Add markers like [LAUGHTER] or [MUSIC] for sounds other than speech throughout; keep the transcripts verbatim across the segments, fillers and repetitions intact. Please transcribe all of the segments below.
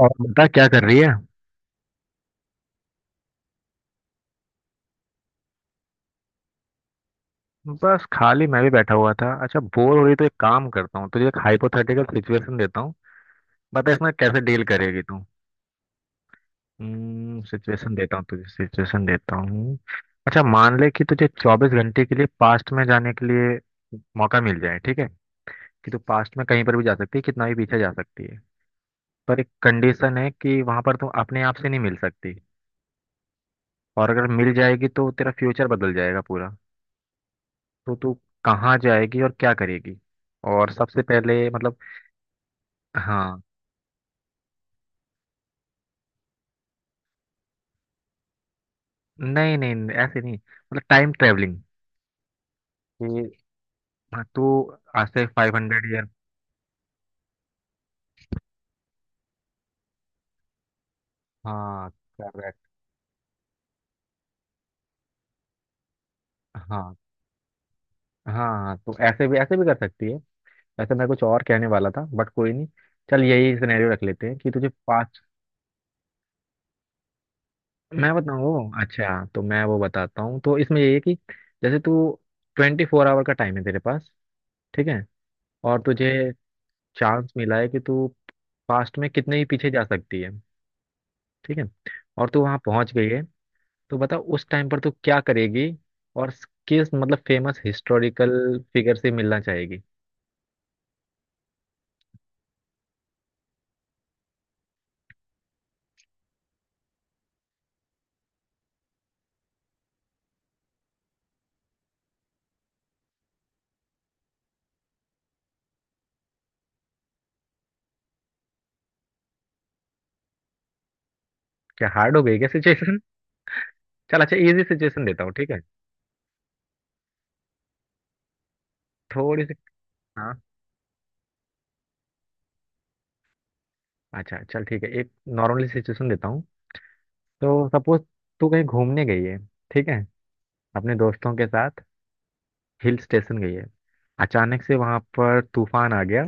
और बता क्या कर रही है। बस खाली मैं भी बैठा हुआ था। अच्छा बोर हो रही तो एक काम करता हूँ, तुझे एक हाइपोथेटिकल सिचुएशन देता हूँ। बता इसमें कैसे डील करेगी तू। सिचुएशन देता हूँ तुझे सिचुएशन देता हूँ। अच्छा मान ले कि तुझे चौबीस घंटे के लिए पास्ट में जाने के लिए मौका मिल जाए, ठीक है। कि तू पास्ट में कहीं पर भी जा सकती है, कितना भी पीछे जा सकती है। पर एक कंडीशन है कि वहां पर तुम अपने आप से नहीं मिल सकती। और अगर मिल जाएगी तो तेरा फ्यूचर बदल जाएगा पूरा। तो तू कहाँ जाएगी और क्या करेगी। और सबसे पहले मतलब। हाँ। नहीं नहीं नहीं, ऐसे नहीं, मतलब टाइम ट्रेवलिंग। कि हाँ, तू आज से फाइव हंड्रेड ईयर। हाँ। करेक्ट। हाँ। हाँ। हाँ, तो ऐसे भी ऐसे भी कर सकती है। वैसे मैं कुछ और कहने वाला था बट कोई नहीं। चल यही सिनेरियो रख लेते हैं कि तुझे पाँच। मैं बताऊँ? अच्छा तो मैं वो बताता हूँ। तो इसमें ये है कि जैसे तू ट्वेंटी फोर आवर का टाइम है तेरे पास, ठीक है। और तुझे चांस मिला है कि तू पास्ट में कितने ही पीछे जा सकती है, ठीक है। और तू वहां पहुंच गई है। तो बता उस टाइम पर तू क्या करेगी। और किस मतलब फेमस हिस्टोरिकल फिगर से मिलना चाहेगी। क्या हार्ड हो गई क्या सिचुएशन? [LAUGHS] चल अच्छा इजी सिचुएशन देता हूँ, ठीक है। थोड़ी सी। हाँ। अच्छा चल ठीक है, एक नॉर्मली सिचुएशन देता हूँ। तो सपोज तू कहीं घूमने गई है, ठीक है, अपने दोस्तों के साथ। हिल स्टेशन गई है। अचानक से वहां पर तूफान आ गया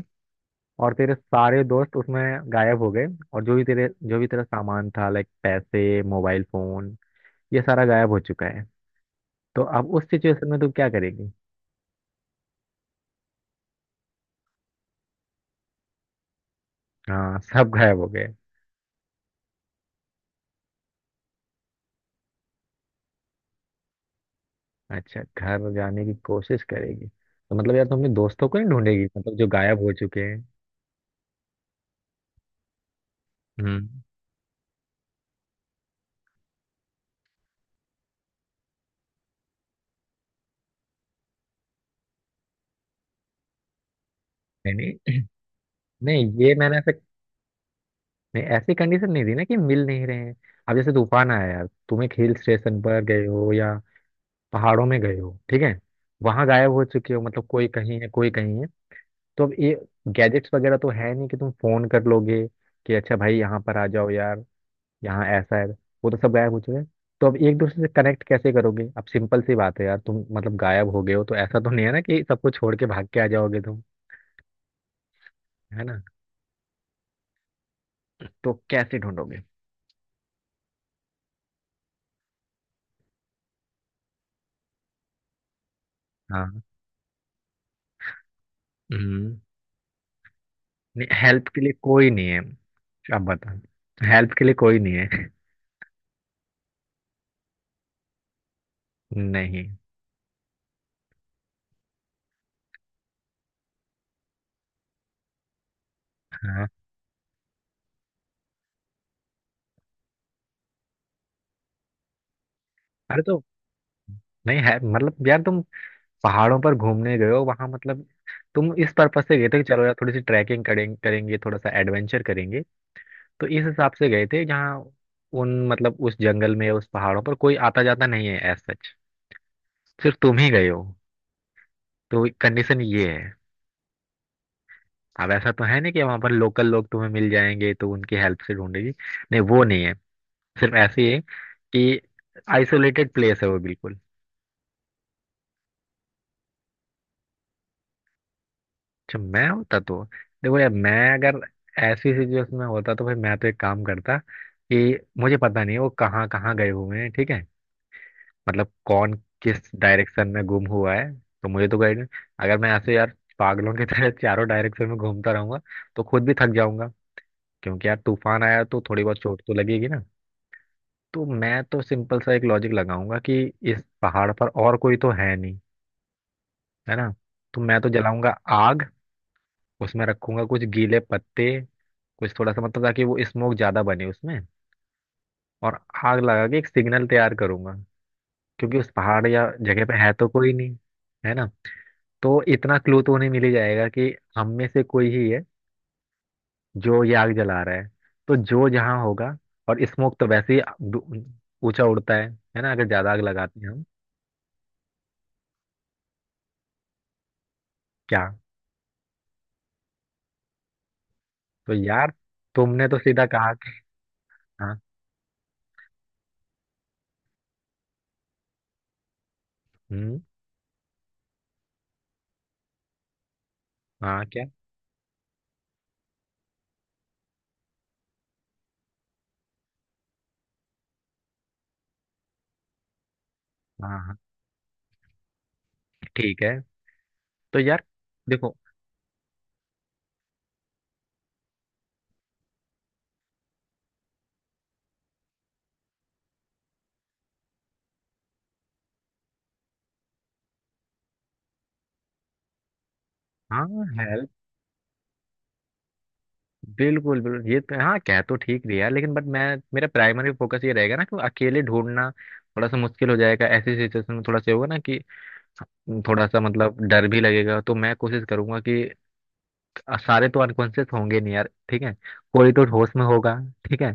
और तेरे सारे दोस्त उसमें गायब हो गए। और जो भी तेरे जो भी तेरा सामान था, लाइक पैसे, मोबाइल फोन, ये सारा गायब हो चुका है। तो अब उस सिचुएशन में तू क्या करेगी। हाँ [LAUGHS] सब गायब हो गए। अच्छा घर जाने की कोशिश करेगी? तो मतलब यार तुम अपने दोस्तों को ही ढूंढेगी, मतलब जो गायब हो चुके हैं। हम्म। नहीं नहीं नहीं, ये मैंने ऐसे नहीं, ऐसी कंडीशन नहीं दी ना कि मिल नहीं रहे हैं। अब जैसे तूफान आया यार, तुम एक हिल स्टेशन पर गए हो या पहाड़ों में गए हो, ठीक है। वहां गायब हो चुके हो, मतलब कोई कहीं है कोई कहीं है। तो अब ये गैजेट्स वगैरह तो है नहीं कि तुम फोन कर लोगे कि अच्छा भाई यहाँ पर आ जाओ यार, यहाँ ऐसा है। वो तो सब गायब हो चुके हैं। तो अब एक दूसरे से कनेक्ट कैसे करोगे। अब सिंपल सी बात है यार, तुम मतलब गायब हो गए हो तो ऐसा तो नहीं है ना कि सबको छोड़ के भाग के आ जाओगे तुम, है ना। तो कैसे ढूंढोगे। हाँ। हम्म। नहीं, हेल्प के लिए कोई नहीं है। आप बता। हेल्प के लिए कोई नहीं है। [LAUGHS] नहीं। हाँ। अरे तो नहीं है, मतलब यार तुम पहाड़ों पर घूमने गए हो, वहां मतलब तुम इस पर्पज से गए थे कि चलो यार थोड़ी सी ट्रैकिंग करें, करेंगे थोड़ा सा एडवेंचर करेंगे। तो इस हिसाब से गए थे जहाँ उन मतलब उस जंगल में, उस पहाड़ों पर कोई आता जाता नहीं है एज सच। सिर्फ तुम ही गए हो। तो कंडीशन ये है। अब ऐसा तो है नहीं कि वहां पर लोकल लोग तुम्हें मिल जाएंगे तो उनकी हेल्प से ढूंढेगी, नहीं वो नहीं है। सिर्फ ऐसे ही है कि आइसोलेटेड प्लेस है वो बिल्कुल। अच्छा मैं होता तो। देखो यार मैं अगर ऐसी सिचुएशन में होता तो भाई मैं तो एक काम करता कि मुझे पता नहीं है वो कहाँ कहाँ गए हुए हैं, ठीक है। मतलब कौन किस डायरेक्शन में गुम हुआ है, तो मुझे तो गाइड। अगर मैं ऐसे यार पागलों की तरह [LAUGHS] चारों डायरेक्शन में घूमता रहूंगा तो खुद भी थक जाऊंगा, क्योंकि यार तूफान आया तो थोड़ी बहुत चोट तो लगेगी ना। तो मैं तो सिंपल सा एक लॉजिक लगाऊंगा कि इस पहाड़ पर और कोई तो है नहीं, है ना। तो मैं तो जलाऊंगा आग, उसमें रखूंगा कुछ गीले पत्ते, कुछ थोड़ा सा मतलब ताकि वो स्मोक ज्यादा बने उसमें। और आग लगा के एक सिग्नल तैयार करूंगा, क्योंकि उस पहाड़ या जगह पे है तो कोई नहीं, है ना। तो इतना क्लू तो उन्हें मिल ही जाएगा कि हम में से कोई ही है जो ये आग जला रहा है। तो जो जहाँ होगा। और स्मोक तो वैसे ही दू- ऊंचा उड़ता है है ना, अगर ज्यादा आग लगाते हैं हम। क्या? तो यार तुमने तो सीधा कहा कि हाँ। हम्म। हाँ क्या। हाँ हाँ ठीक है। तो यार देखो। हाँ बिल्कुल बिल्कुल, ये तो हाँ कह तो ठीक रही है लेकिन बट मैं, मेरा प्राइमरी फोकस ये रहेगा ना कि अकेले ढूंढना थोड़ा सा मुश्किल हो जाएगा ऐसी सिचुएशन में, थोड़ा सा ये होगा ना कि थोड़ा सा मतलब डर भी लगेगा। तो मैं कोशिश करूंगा कि सारे तो अनकॉन्शियस होंगे नहीं यार, ठीक है, कोई तो होश में होगा, ठीक है।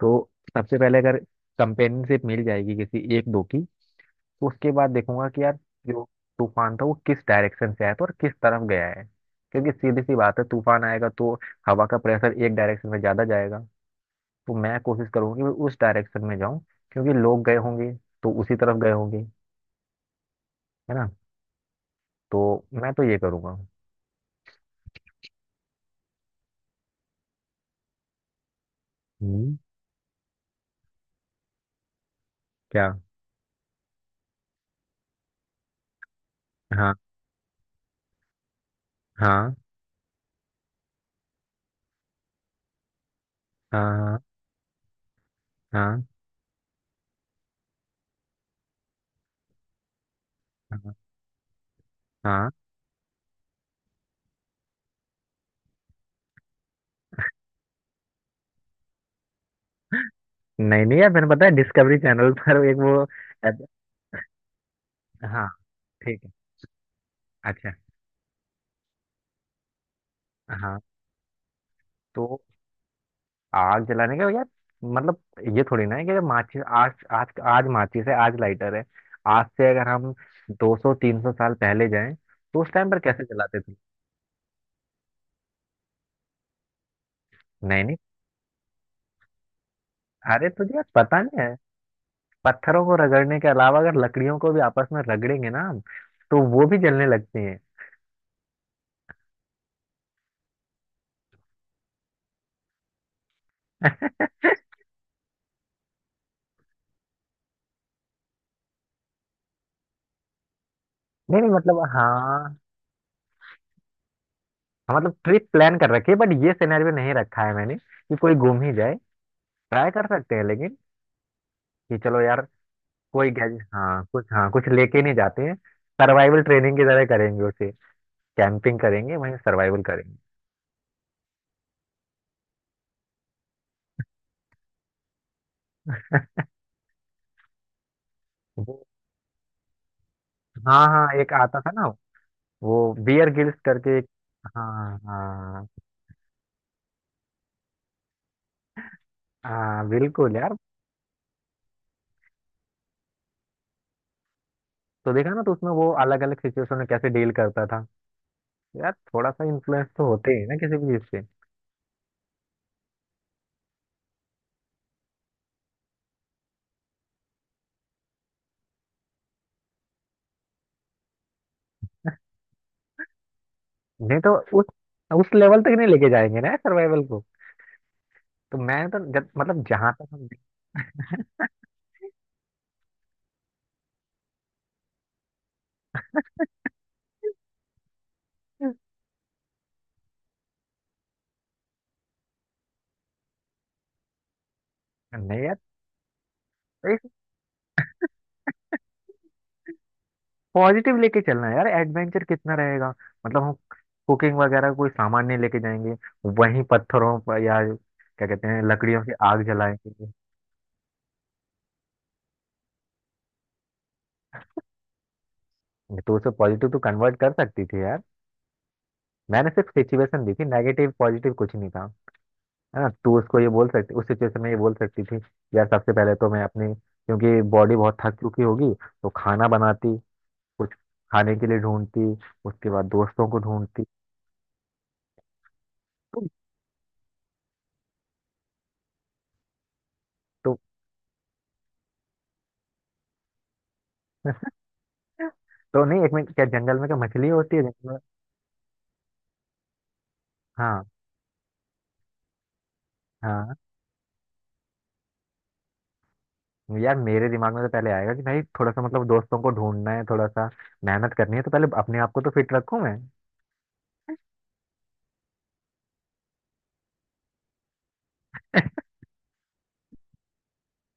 तो सबसे पहले अगर कंपेनियनशिप मिल जाएगी किसी एक दो की, तो उसके बाद देखूंगा कि यार जो तूफान था वो किस डायरेक्शन से आया था और किस तरफ गया है। क्योंकि सीधी सी बात है, तूफान आएगा तो हवा का प्रेशर एक डायरेक्शन में ज्यादा जाएगा। तो मैं कोशिश करूंगी कि मैं उस डायरेक्शन में जाऊं, क्योंकि लोग गए होंगे तो उसी तरफ गए होंगे, है ना। तो मैं तो ये करूंगा। हम्म। क्या? हाँ हाँ। हाँ हाँ। हाँ। हाँ। नहीं नहीं यार, मैंने पता है डिस्कवरी चैनल पर [LAUGHS] एक वो। ऐप- हाँ ठीक है। अच्छा। हाँ। तो आग जलाने का यार, मतलब ये थोड़ी ना है कि माचिस, आज आज आज माचिस है आज लाइटर है। आज से अगर हम दो सौ तीन सौ साल पहले जाएं तो उस टाइम पर कैसे जलाते थे। नहीं। अरे तुझे यार पता नहीं है, पत्थरों को रगड़ने के अलावा अगर लकड़ियों को भी आपस में रगड़ेंगे ना हम, तो वो भी जलने लगती हैं। [LAUGHS] नहीं नहीं मतलब हाँ। हाँ, मतलब ट्रिप प्लान कर रखी है बट ये सिनेरियो नहीं रखा है मैंने कि कोई गुम ही जाए। ट्राई कर सकते हैं लेकिन, कि चलो यार कोई गैज हाँ कुछ हाँ कुछ लेके नहीं जाते हैं। सर्वाइवल ट्रेनिंग की तरह करेंगे उसे, कैंपिंग करेंगे वहीं, सर्वाइवल करेंगे। वो हाँ हाँ एक आता था ना, वो बियर गिल्स करके एक। हाँ हाँ। हाँ बिल्कुल यार। तो देखा ना, तो उसमें वो अलग अलग सिचुएशन में कैसे डील करता था। यार थोड़ा सा इन्फ्लुएंस तो होते ही है ना किसी भी चीज से। नहीं तो उस उस लेवल तक नहीं लेके जाएंगे ना सर्वाइवल को। तो मैं तो जब मतलब जहां तक हम। नहीं यार एक पॉजिटिव लेके चलना है यार, एडवेंचर कितना रहेगा, मतलब हम कुकिंग वगैरह कोई सामान नहीं लेके जाएंगे, वहीं पत्थरों पर या क्या कहते हैं लकड़ियों की आग जलाएंगे। तो उसे पॉजिटिव तो कन्वर्ट कर सकती थी यार, मैंने सिर्फ सिचुएशन दी थी, नेगेटिव पॉजिटिव कुछ नहीं था। हाँ तू उसको ये बोल सकती, उस सिचुएशन में ये बोल सकती थी यार, सबसे पहले तो मैं अपनी क्योंकि बॉडी बहुत थक चुकी होगी तो खाना बनाती, कुछ खाने के लिए ढूंढती, उसके बाद दोस्तों को ढूंढती। तो तो तो नहीं एक मिनट, क्या जंगल में क्या मछली होती है जंगल में। हाँ। हाँ, यार मेरे दिमाग में तो पहले आएगा कि भाई थोड़ा सा मतलब दोस्तों को ढूंढना है, थोड़ा सा मेहनत करनी है तो पहले अपने आप को तो फिट रखूं मैं।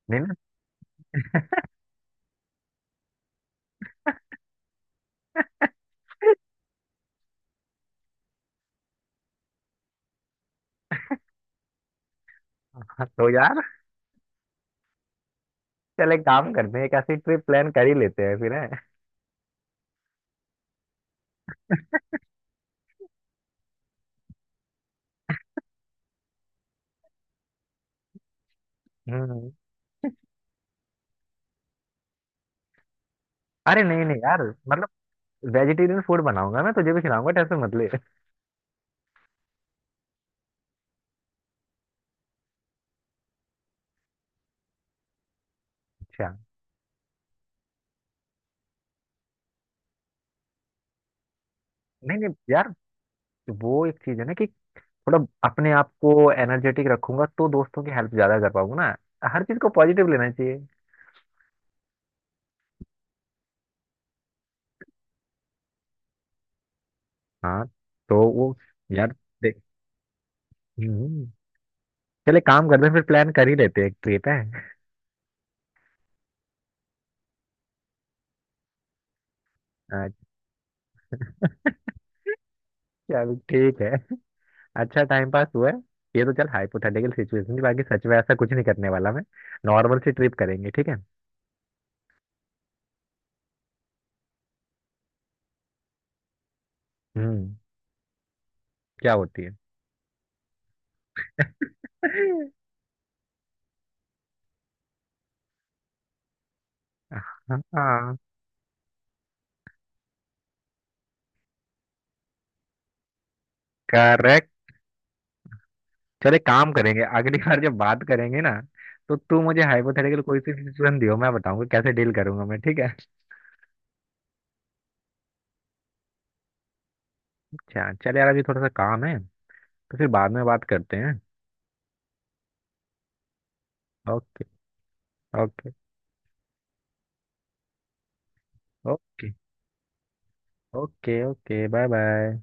नहीं ना। हाँ, तो यार चल एक काम करते हैं, एक ऐसी ट्रिप प्लान कर ही लेते हैं फिर है। हम्म। अरे नहीं नहीं यार, मतलब वेजिटेरियन फूड बनाऊंगा, मैं तुझे भी खिलाऊंगा, टेंशन मत ले। अच्छा। नहीं नहीं यार वो एक चीज है ना कि थोड़ा अपने आप को एनर्जेटिक रखूंगा तो दोस्तों की हेल्प ज्यादा कर पाऊंगा ना, हर चीज को पॉजिटिव लेना चाहिए। हाँ। तो वो यार देख। हम्म, चले काम करते हैं फिर, प्लान कर ही लेते हैं एक ट्रिप है। अच्छा ठीक है, अच्छा टाइम पास हुआ है। ये तो चल हाइपोथेटिकल सिचुएशन थी, बाकी सच में ऐसा कुछ नहीं करने वाला मैं, नॉर्मल सी ट्रिप करेंगे, ठीक है। हम्म। क्या होती है? [LAUGHS] हाँ करेक्ट। चल एक काम करेंगे, अगली [LAUGHS] बार जब बात करेंगे ना, तो तू मुझे हाइपोथेटिकल कोई सी सिचुएशन दियो, मैं बताऊंगा कैसे डील करूंगा मैं, ठीक है। अच्छा चल यार अभी थोड़ा सा काम है, तो फिर बाद में बात करते हैं। Okay. Okay. Okay okay okay bye bye.